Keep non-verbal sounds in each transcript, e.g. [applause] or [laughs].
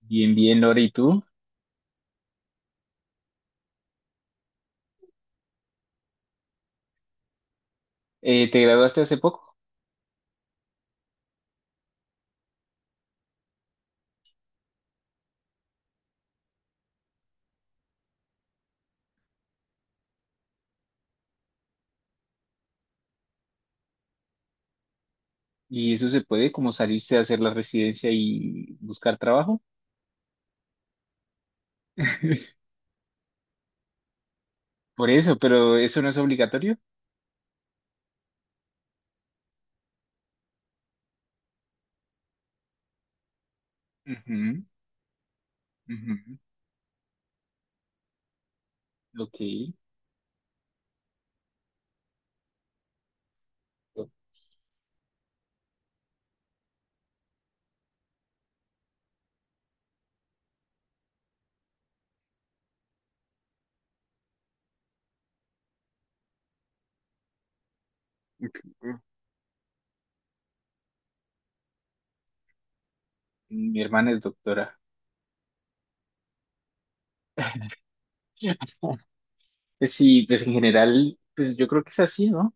Bien, bien, Lore, ¿y tú? ¿Te graduaste hace poco? ¿Y eso se puede, como salirse a hacer la residencia y buscar trabajo? [laughs] Por eso, pero eso no es obligatorio. Ujú, ujú. Ok. Mi hermana es doctora. [laughs] Pues sí, pues en general, pues yo creo que es así, ¿no?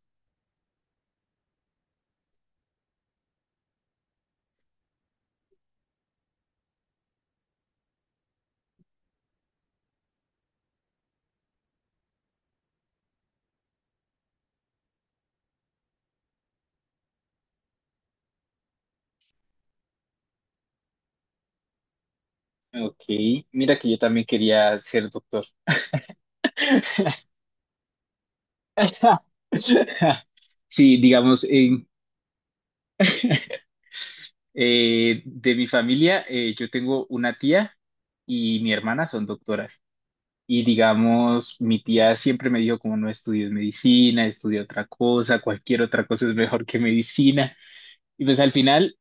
Ok, mira que yo también quería ser doctor. [laughs] Sí, digamos, [laughs] de mi familia, yo tengo una tía y mi hermana son doctoras. Y digamos, mi tía siempre me dijo como no estudies medicina, estudia otra cosa, cualquier otra cosa es mejor que medicina. Y pues al final,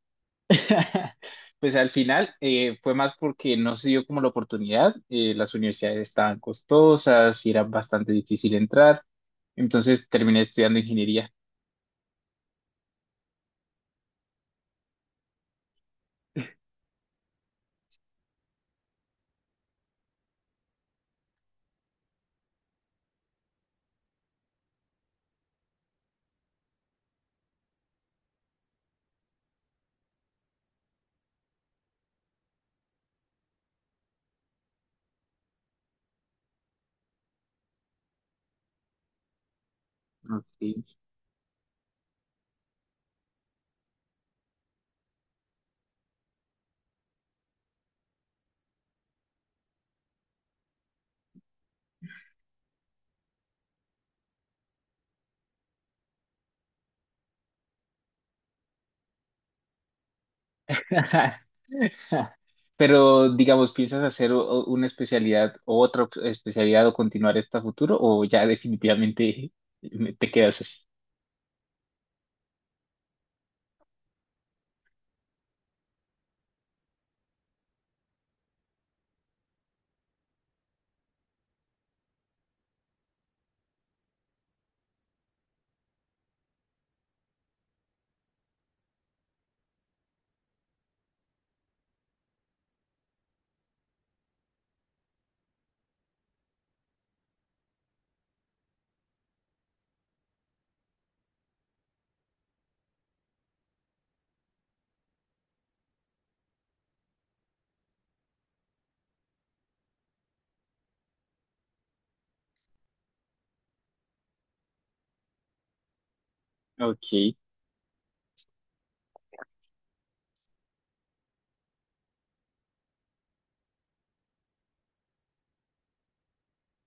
[laughs] pues al final fue más porque no se dio como la oportunidad. Las universidades estaban costosas y era bastante difícil entrar. Entonces terminé estudiando ingeniería. Ok. [laughs] [laughs] Ja. Pero, digamos, ¿piensas hacer o una especialidad o especialidad o continuar esta futuro o ya definitivamente [laughs] te quedas así? Ok,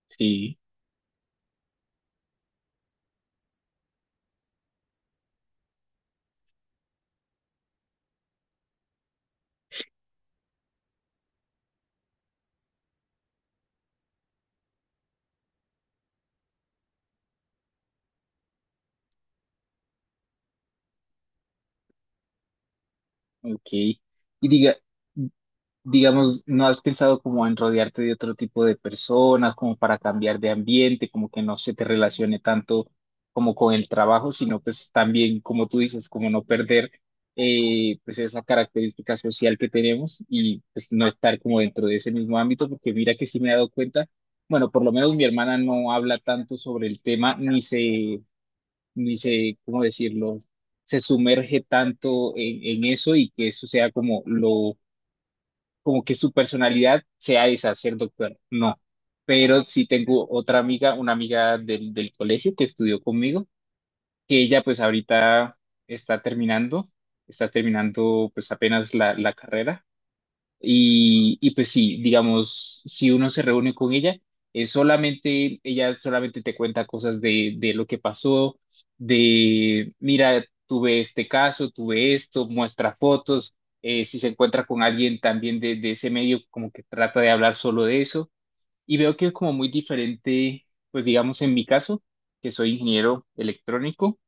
sí. Ok. Y diga, digamos, ¿no has pensado como en rodearte de otro tipo de personas, como para cambiar de ambiente, como que no se te relacione tanto como con el trabajo, sino pues también, como tú dices, como no perder pues esa característica social que tenemos y pues no estar como dentro de ese mismo ámbito, porque mira que sí me he dado cuenta, bueno, por lo menos mi hermana no habla tanto sobre el tema, ni se, ¿cómo decirlo? Se sumerge tanto en, eso y que eso sea como lo, como que su personalidad sea esa, ser doctor. No. Pero sí tengo otra amiga, una amiga del colegio que estudió conmigo, que ella pues ahorita está terminando, está terminando pues apenas la carrera y pues sí, digamos, si uno se reúne con ella, es solamente, ella solamente te cuenta cosas de lo que pasó, mira, tuve este caso, tuve esto, muestra fotos, si se encuentra con alguien también de ese medio, como que trata de hablar solo de eso. Y veo que es como muy diferente, pues digamos, en mi caso, que soy ingeniero electrónico,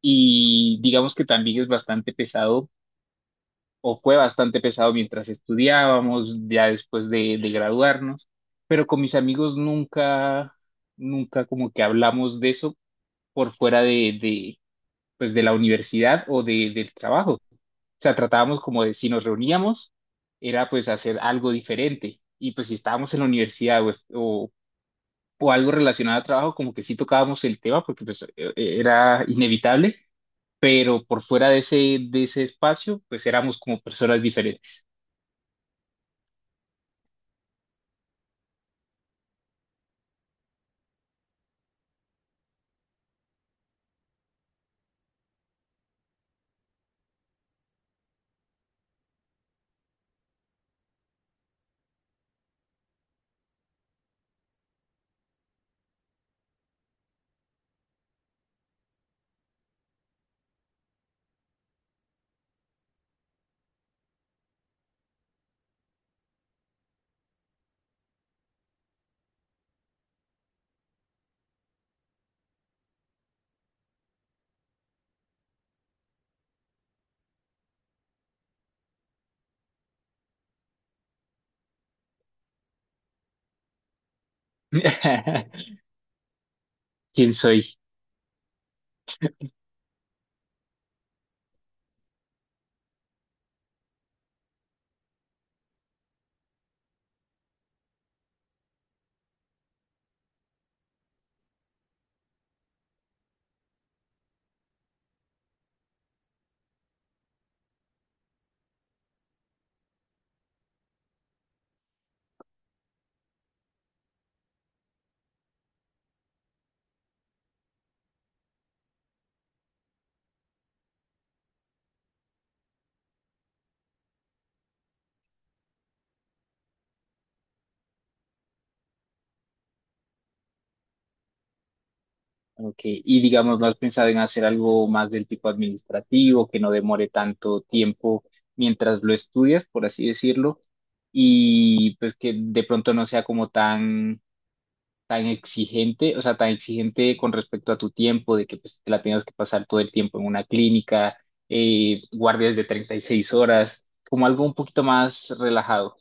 y digamos que también es bastante pesado o fue bastante pesado mientras estudiábamos, ya después de graduarnos, pero con mis amigos nunca, nunca como que hablamos de eso por fuera pues de la universidad o del trabajo. O sea, tratábamos como de si nos reuníamos, era pues hacer algo diferente. Y pues si estábamos en la universidad o algo relacionado al trabajo, como que sí tocábamos el tema porque pues era inevitable, pero por fuera de ese espacio, pues éramos como personas diferentes. [laughs] ¿Quién soy? Ok, y digamos, ¿no has pensado en hacer algo más del tipo administrativo, que no demore tanto tiempo mientras lo estudias, por así decirlo, y pues que de pronto no sea como tan exigente, o sea, tan exigente con respecto a tu tiempo, de que pues, te la tengas que pasar todo el tiempo en una clínica, guardias de 36 horas, ¿como algo un poquito más relajado?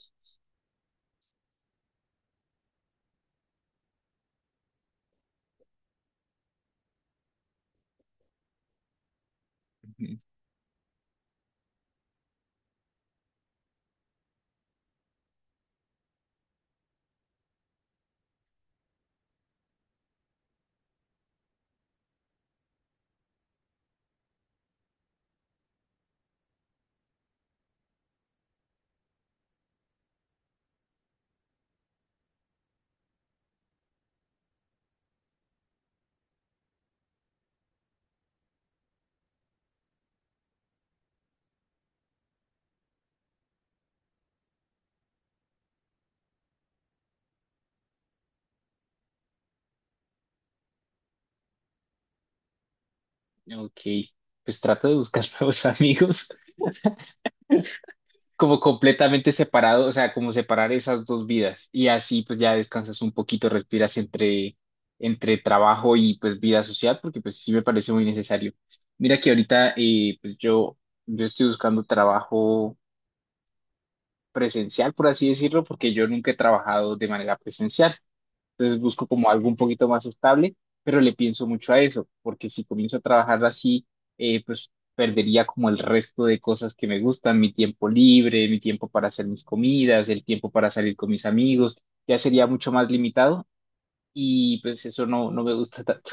Ujú. Ok, pues trata de buscar [laughs] nuevos amigos. Como completamente separado, o sea, como separar esas dos vidas y así pues ya descansas un poquito, respiras entre trabajo y pues vida social, porque pues sí me parece muy necesario. Mira que ahorita pues yo estoy buscando trabajo presencial, por así decirlo, porque yo nunca he trabajado de manera presencial. Entonces busco como algo un poquito más estable, pero le pienso mucho a eso, porque si comienzo a trabajar así, pues perdería como el resto de cosas que me gustan, mi tiempo libre, mi tiempo para hacer mis comidas, el tiempo para salir con mis amigos, ya sería mucho más limitado y pues eso no, no me gusta [laughs] tanto.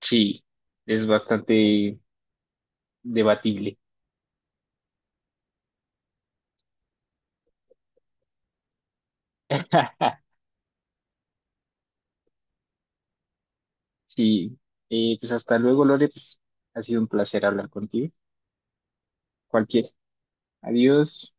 Sí, es bastante debatible. [laughs] Sí, pues hasta luego, Lore, pues ha sido un placer hablar contigo. Cualquier. Adiós.